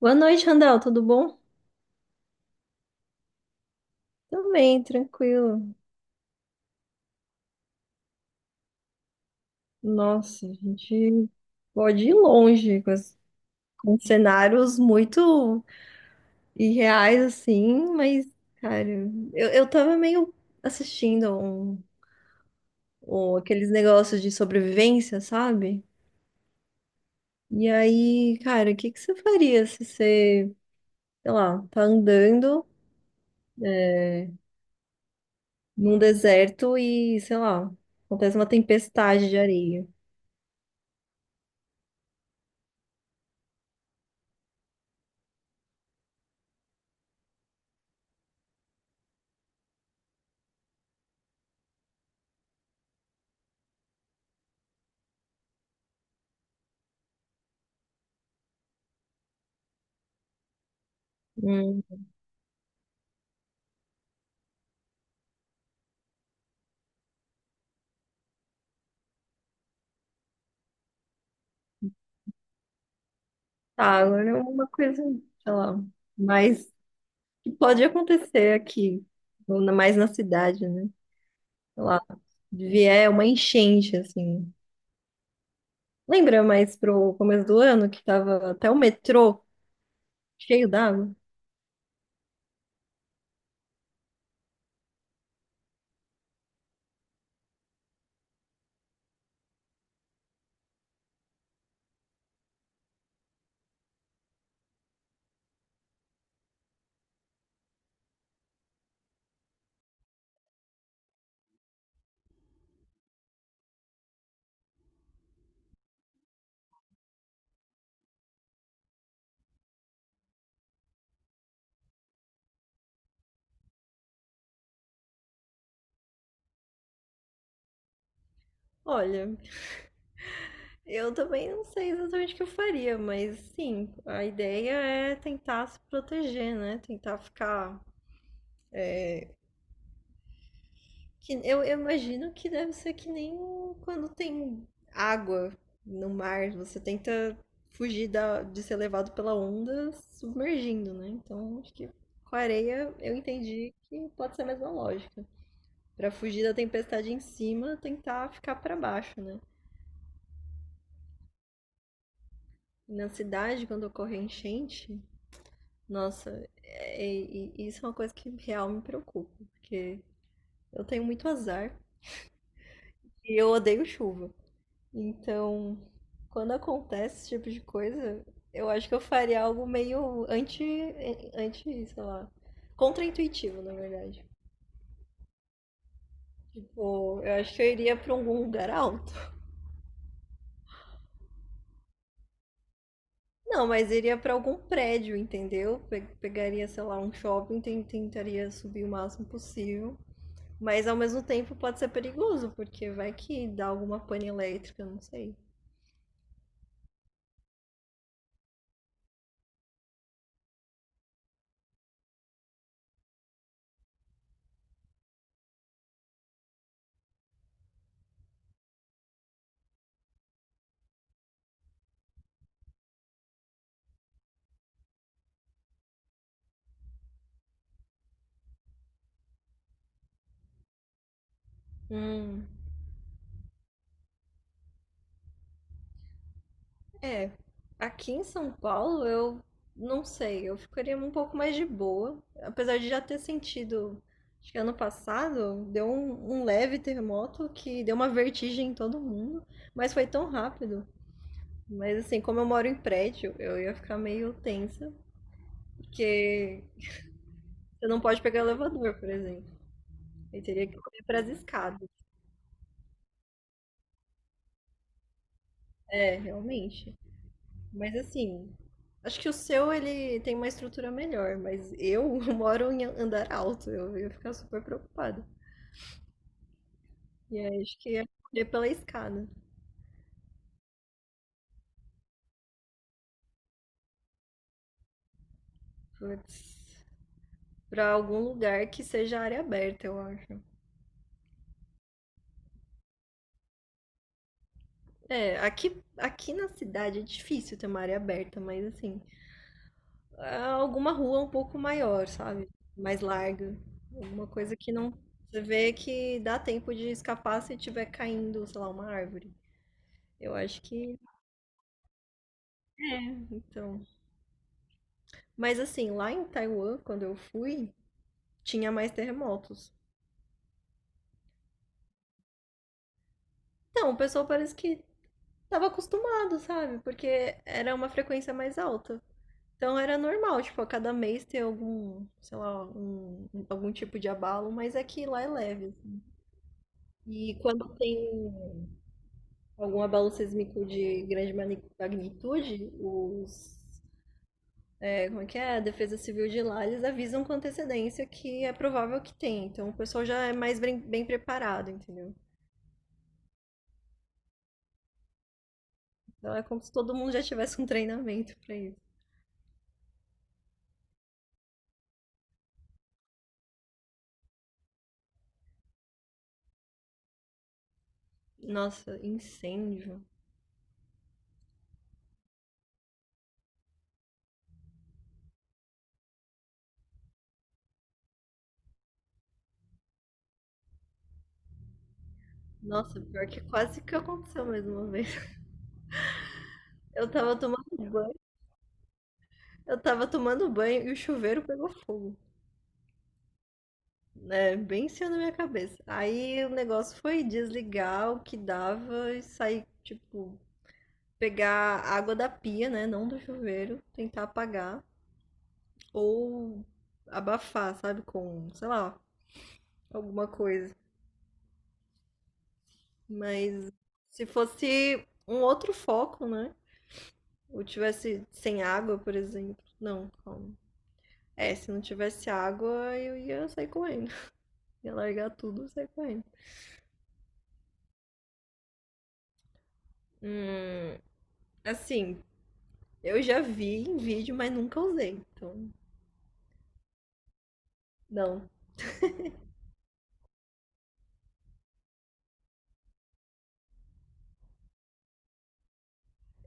Boa noite, Randall, tudo bom? Também, tranquilo. Nossa, a gente pode ir longe com, com cenários muito irreais, assim, mas, cara, eu tava meio assistindo aqueles negócios de sobrevivência, sabe? E aí, cara, o que que você faria se você, sei lá, tá andando num deserto e, sei lá, acontece uma tempestade de areia? Hum. Tá, agora é uma coisa, sei lá, mais que pode acontecer aqui, ou mais na cidade, né? Sei lá, vier uma enchente, assim. Lembra mais pro começo do ano que tava até o metrô cheio d'água? Olha, eu também não sei exatamente o que eu faria, mas sim, a ideia é tentar se proteger, né? Tentar ficar. Que eu imagino que deve ser que nem quando tem água no mar, você tenta fugir de ser levado pela onda submergindo, né? Então, acho que com a areia eu entendi que pode ser a mesma lógica. Pra fugir da tempestade em cima, tentar ficar pra baixo, né? E na cidade, quando ocorre a enchente, nossa, e isso é uma coisa que real me preocupa, porque eu tenho muito azar e eu odeio chuva. Então, quando acontece esse tipo de coisa, eu acho que eu faria algo meio anti, sei lá, contraintuitivo, na verdade. Tipo, eu acho que eu iria pra algum lugar alto. Não, mas iria pra algum prédio, entendeu? Pegaria, sei lá, um shopping, tentaria subir o máximo possível. Mas ao mesmo tempo pode ser perigoso, porque vai que dá alguma pane elétrica, não sei. Hum. É, aqui em São Paulo eu não sei, eu ficaria um pouco mais de boa, apesar de já ter sentido, acho que ano passado deu um leve terremoto que deu uma vertigem em todo mundo, mas foi tão rápido. Mas assim, como eu moro em prédio, eu ia ficar meio tensa, porque você não pode pegar elevador, por exemplo. Eu teria que correr para as escadas. É, realmente. Mas assim, acho que o seu ele tem uma estrutura melhor, mas eu moro em andar alto, eu ia ficar super preocupada. E aí acho que ia correr pela escada. Putz, pra algum lugar que seja área aberta, eu acho. É, aqui na cidade é difícil ter uma área aberta, mas assim, ah, alguma rua um pouco maior, sabe? Mais larga. Alguma coisa que não. Você vê que dá tempo de escapar se tiver caindo, sei lá, uma árvore. Eu acho que. Né, então. Mas assim, lá em Taiwan, quando eu fui, tinha mais terremotos. Então, o pessoal parece que tava acostumado, sabe? Porque era uma frequência mais alta. Então era normal, tipo, a cada mês ter algum, sei lá, algum tipo de abalo, mas é que lá é leve, assim. E quando tem algum abalo sísmico de grande magnitude, os, é, como é que é? A Defesa Civil de lá, eles avisam com antecedência que é provável que tenha. Então o pessoal já é mais bem preparado, entendeu? Não é como se todo mundo já tivesse um treinamento pra isso. Nossa, incêndio. Nossa, pior que quase que aconteceu mais uma vez. Eu tava tomando banho, eu tava tomando banho e o chuveiro pegou fogo. Né? Bem em cima da minha cabeça. Aí o negócio foi desligar o que dava e sair, tipo, pegar a água da pia, né? Não do chuveiro, tentar apagar. Ou abafar, sabe? Com, sei lá, alguma coisa. Mas se fosse um outro foco, né? Ou tivesse sem água, por exemplo. Não, calma. É, se não tivesse água, eu ia sair correndo. Ia largar tudo e sair correndo. Hum, assim, eu já vi em vídeo, mas nunca usei. Então, não.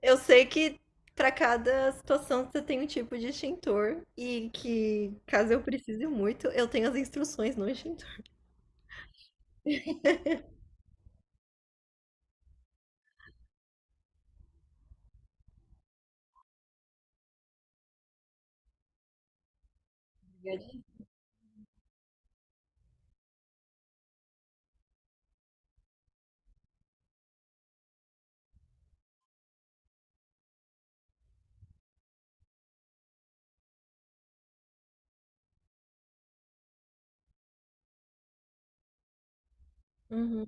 Eu sei que para cada situação você tem um tipo de extintor e que, caso eu precise muito, eu tenho as instruções no extintor. Uhum,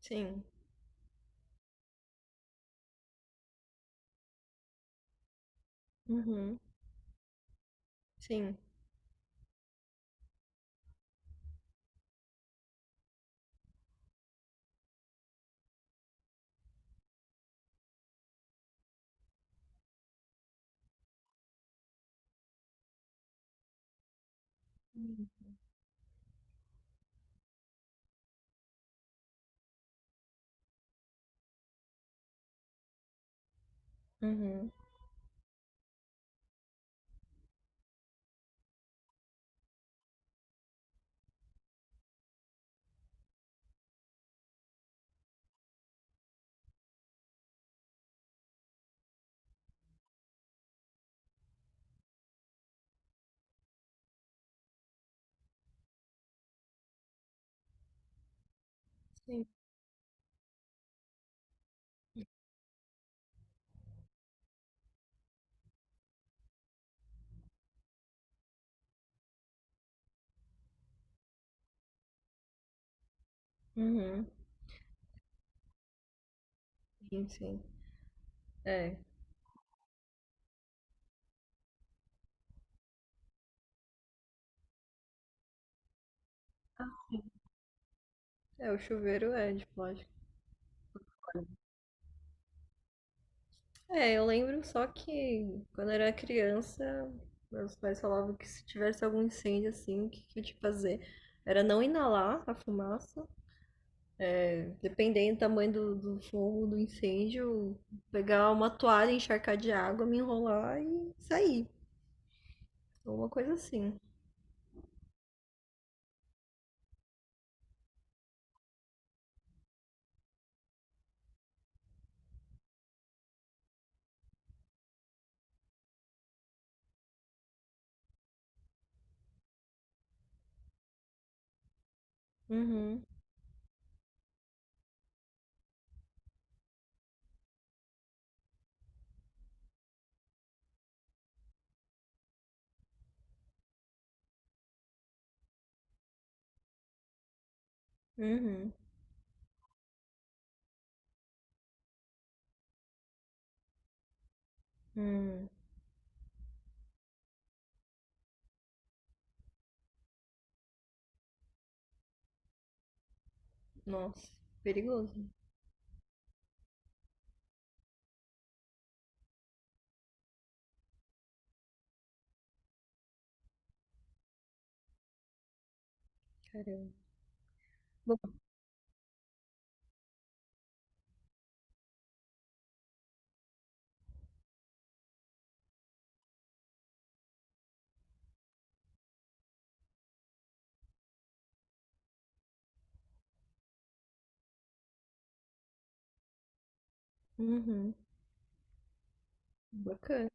sim. Uhum, sim. Uhum, sim. Uhum, sim, sim. É. É, o chuveiro é de plástico. É, eu lembro só que quando era criança, meus pais falavam que se tivesse algum incêndio assim, o que que tinha que fazer? Era não inalar a fumaça, é, dependendo do tamanho do, do fogo, do incêndio, pegar uma toalha, encharcar de água, me enrolar e sair. Alguma coisa assim. Uhum, uhum, uhum. Nossa, perigoso, né? Caramba. Bom. Uhum, bacana.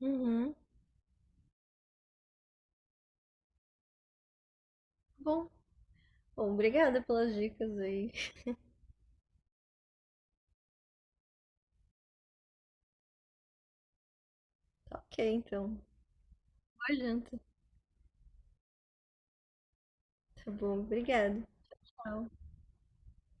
Uhum. Bom. Bom, obrigada pelas dicas aí. Tá ok, então. Boa janta. Tá bom, obrigada. Tchau.